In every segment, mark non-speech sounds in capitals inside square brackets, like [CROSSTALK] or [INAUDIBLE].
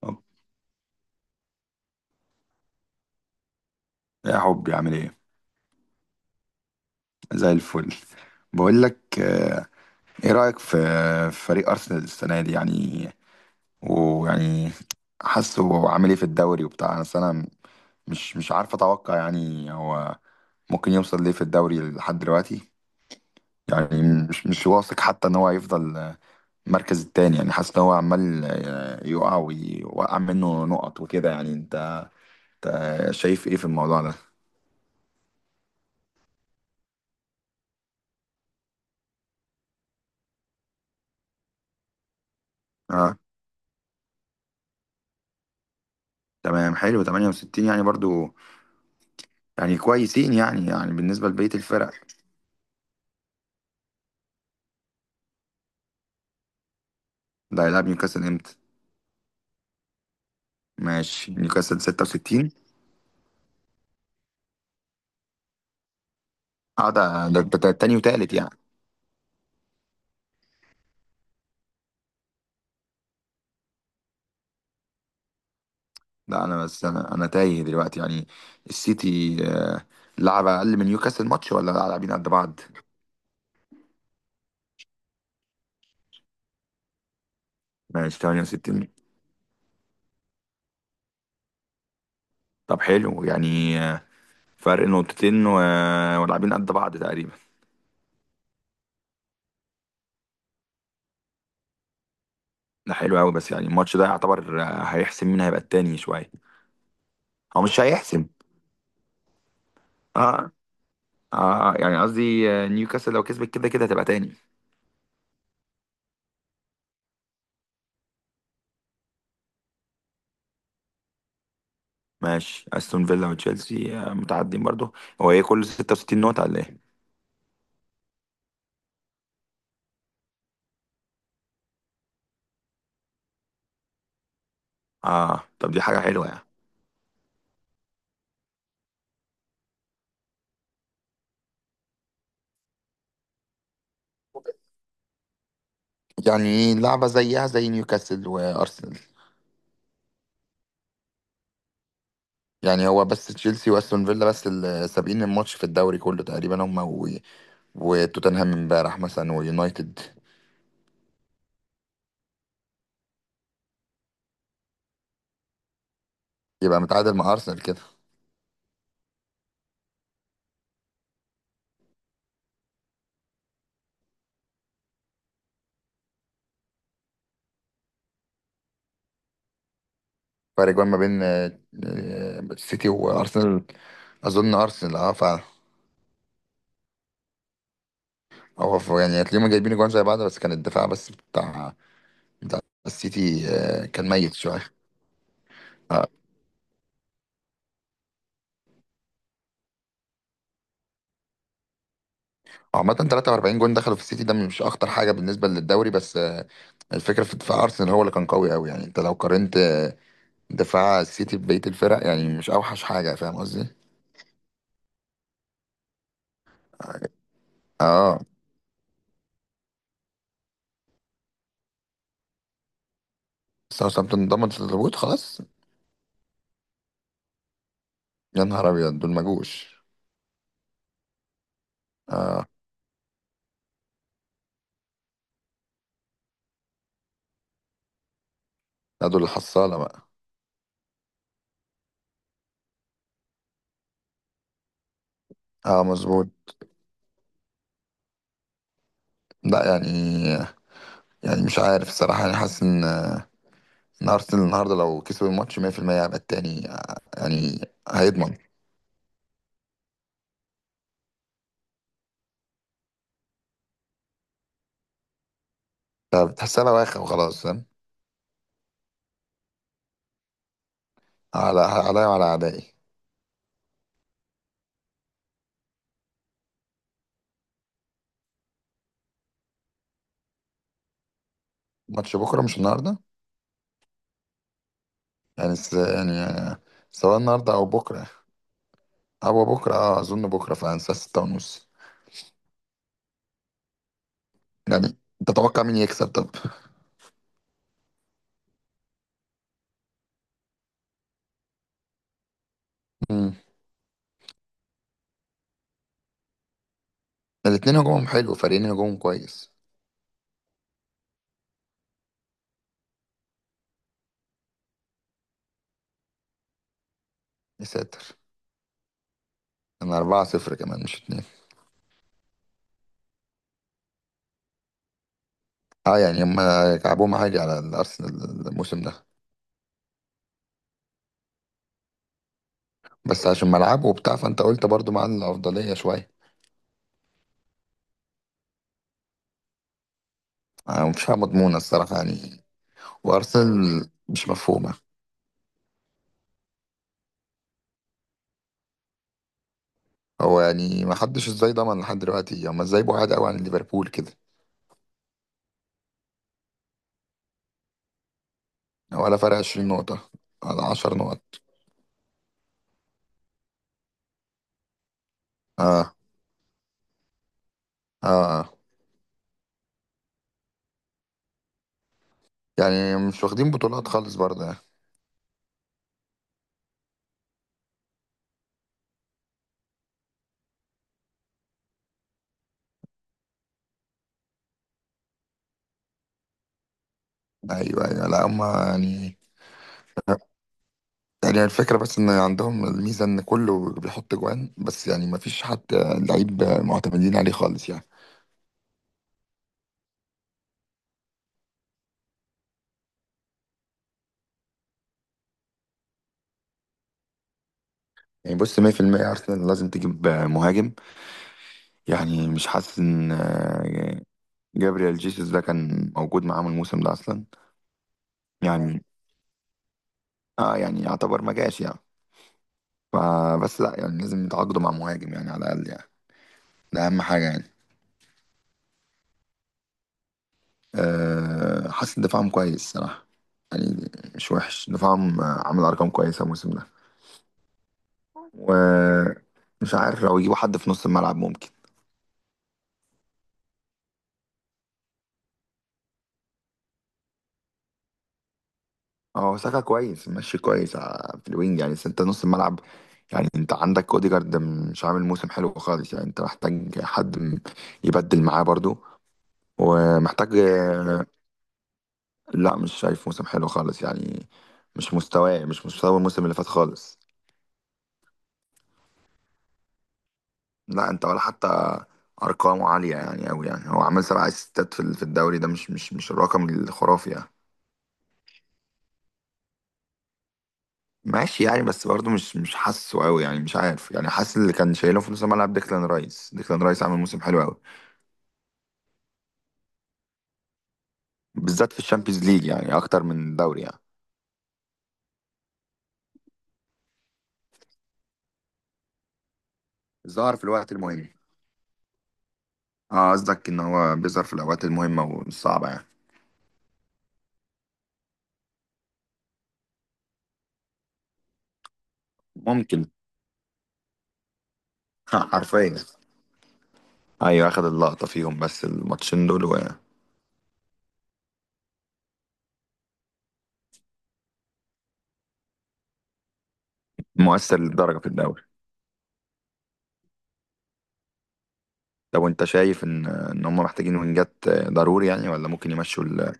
طب يا حبي عامل ايه؟ زي الفل. بقول لك ايه رأيك في فريق ارسنال السنة دي؟ يعني ويعني حاسه هو عامل ايه في الدوري وبتاع. بس انا السنة مش عارف اتوقع يعني هو ممكن يوصل ليه في الدوري لحد دلوقتي. يعني مش واثق حتى ان هو يفضل المركز التاني، يعني حاسس ان هو عمال يقع ويوقع منه نقط وكده. يعني انت شايف ايه في الموضوع ده؟ اه، تمام حلو 68، يعني برضو يعني كويسين يعني، يعني بالنسبة لبقية الفرق. ده هيلعب نيوكاسل امتى؟ ماشي، نيوكاسل 66. اه، ده تاني وتالت يعني. لا، انا بس، انا تايه دلوقتي يعني. السيتي لعب اقل من نيوكاسل ماتش، ولا لاعبين قد بعض؟ ماشي، 68. طب حلو يعني، فرق نقطتين ولاعبين قد بعض تقريبا. ده حلو قوي، بس يعني الماتش ده يعتبر هيحسم مين هيبقى التاني شوية. هو مش هيحسم. اه، يعني قصدي نيوكاسل لو كسبت كده كده هتبقى تاني. ماشي، استون فيلا وتشيلسي متعدين برضو. هو ايه، كل 66 نقطة ولا ايه؟ اه، طب دي حاجة حلوة يعني. يعني لعبة زيها زي نيوكاسل وأرسنال. يعني هو بس تشيلسي وأستون فيلا بس اللي سابقين الماتش في الدوري كله تقريبا، هما و... وتوتنهام امبارح مثلا، ويونايتد. يبقى متعادل مع أرسنال كده. فرق جوان ما بين السيتي وأرسنال. أظن أرسنال، أه، فعلا. هو يعني هتلاقيهم جايبين جوان زي بعض، بس كان الدفاع بس بتاع ده، السيتي كان ميت شويه. آه، عامة 43 جون دخلوا في السيتي، ده مش أخطر حاجة بالنسبة للدوري، بس الفكرة في دفاع أرسنال هو اللي كان قوي أوي. يعني أنت لو قارنت دفاع السيتي ببقية الفرق، يعني مش أوحش حاجة. فاهم قصدي؟ اه، آه، ساوثهامبتون ضمنت الهبوط خلاص. يا نهار أبيض، دول ما جوش. اه. لا، دول الحصالة بقى. اه، مظبوط. لا يعني، يعني مش عارف الصراحة، يعني حاسس إن أرسنال النهاردة لو كسبوا الماتش 100% هيبقى التاني يعني هيضمن. طب تحسها بواخة وخلاص، فاهم. على عليا وعلى أعدائي. ماتش بكرة، مش النهاردة. يعني يعني سواء النهاردة أو بكرة، أو بكرة، أه أظن بكرة فعلا الساعة 6:30. يعني تتوقع مين يكسب طب؟ [LAUGHS] مم. الاتنين هجومهم حلو، فريقين هجومهم كويس. يا ساتر. أنا 4-0 كمان، مش اتنين. أه يعني هما كعبهم عالي على الأرسنال الموسم ده. بس عشان ملعبه وبتاع، فأنت قلت برضو مع الأفضلية شوية. مفيش حاجة مضمونة الصراحة يعني. وأرسنال مش مفهومة. هو يعني ما حدش ازاي ضمن لحد دلوقتي؟ هما ازاي بعاد قوي عن ليفربول كده؟ ولا فرق 20 نقطة، ولا 10 نقط. اه. اه آه. يعني مش واخدين بطولات خالص برضه يعني. ايوه ايوه، لا هما يعني، يعني الفكرة بس ان عندهم الميزة ان كله بيحط جوان، بس يعني ما فيش حد لعيب معتمدين عليه خالص يعني. يعني بص، 100% ارسنال لازم تجيب مهاجم. يعني مش حاسس ان جابريال جيسوس ده كان موجود معاهم الموسم ده اصلا. يعني اه، يعني يعتبر ما جاش يعني. فبس لا، يعني لازم يتعاقدوا مع مهاجم يعني، على الأقل يعني. ده أهم حاجة يعني. أه، حاسس إن دفاعهم كويس صراحة. يعني مش وحش دفاعهم، عامل أرقام كويسة الموسم ده. ومش عارف، لو يجيبوا حد في نص الملعب ممكن. اه، ساكا كويس، ماشي كويس في الوينج يعني. بس انت نص الملعب، يعني انت عندك اوديجارد مش عامل موسم حلو خالص يعني، انت محتاج حد يبدل معاه برضو. ومحتاج. لا، مش شايف موسم حلو خالص يعني، مش مستواه، مش مستوى الموسم اللي فات خالص. لا انت ولا حتى ارقامه عاليه يعني قوي. يعني هو عمل 7 اسيستات في في الدوري، ده مش الرقم الخرافي يعني. ماشي يعني، بس برضه مش حاسه قوي يعني، مش عارف. يعني حاسس اللي كان شايله في نص الملعب ديكلان رايس، ديكلان رايس عمل موسم حلو قوي، بالذات في الشامبيونز ليج يعني، اكتر من الدوري يعني. ظهر في الوقت المهم. اه، قصدك ان هو بيظهر في الاوقات المهمه والصعبه يعني؟ ممكن. [LAUGHS] حرفيا، ايوه، اخد اللقطه فيهم بس الماتشين دول. مؤثر للدرجة في الدوري. طب وانت شايف ان هم محتاجين وينجات ضروري يعني، ولا ممكن يمشوا ال...؟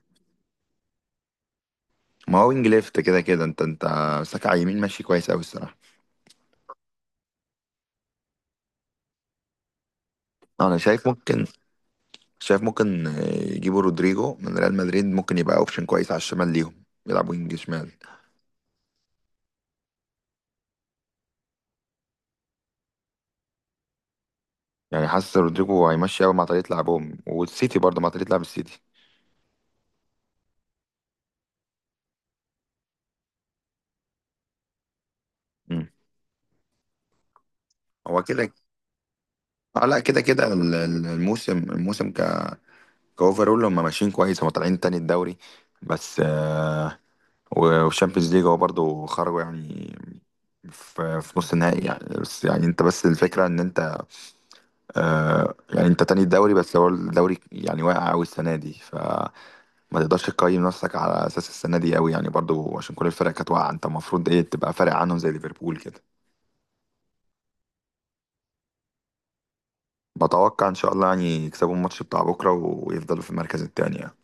ما هو وينج ليفت كده كده. انت ساكا على اليمين ماشي كويس قوي الصراحة. انا شايف ممكن، شايف ممكن يجيبوا رودريجو من ريال مدريد، ممكن يبقى اوبشن كويس على الشمال ليهم يلعب وينج شمال. يعني حاسس رودريجو هيمشي قوي مع طريقة لعبهم، والسيتي برضه مع طريقة لعب السيتي. مم. هو كده. اه لا، كده كده الموسم كاوفرول هم ماشيين كويس، هم طالعين تاني الدوري، بس والشامبيونز ليج هو برضه خرجوا يعني في نص النهائي يعني. بس يعني انت، بس الفكرة ان انت يعني انت تاني الدوري، بس هو الدوري يعني واقع قوي السنة دي، فما تقدرش تقيم نفسك على اساس السنة دي قوي يعني برضه، عشان كل الفرق كانت واقعة. انت المفروض ايه، تبقى فارق عنهم زي ليفربول كده. بتوقع ان شاء الله يعني يكسبوا الماتش بتاع بكرة، ويفضلوا في المركز التاني يعني.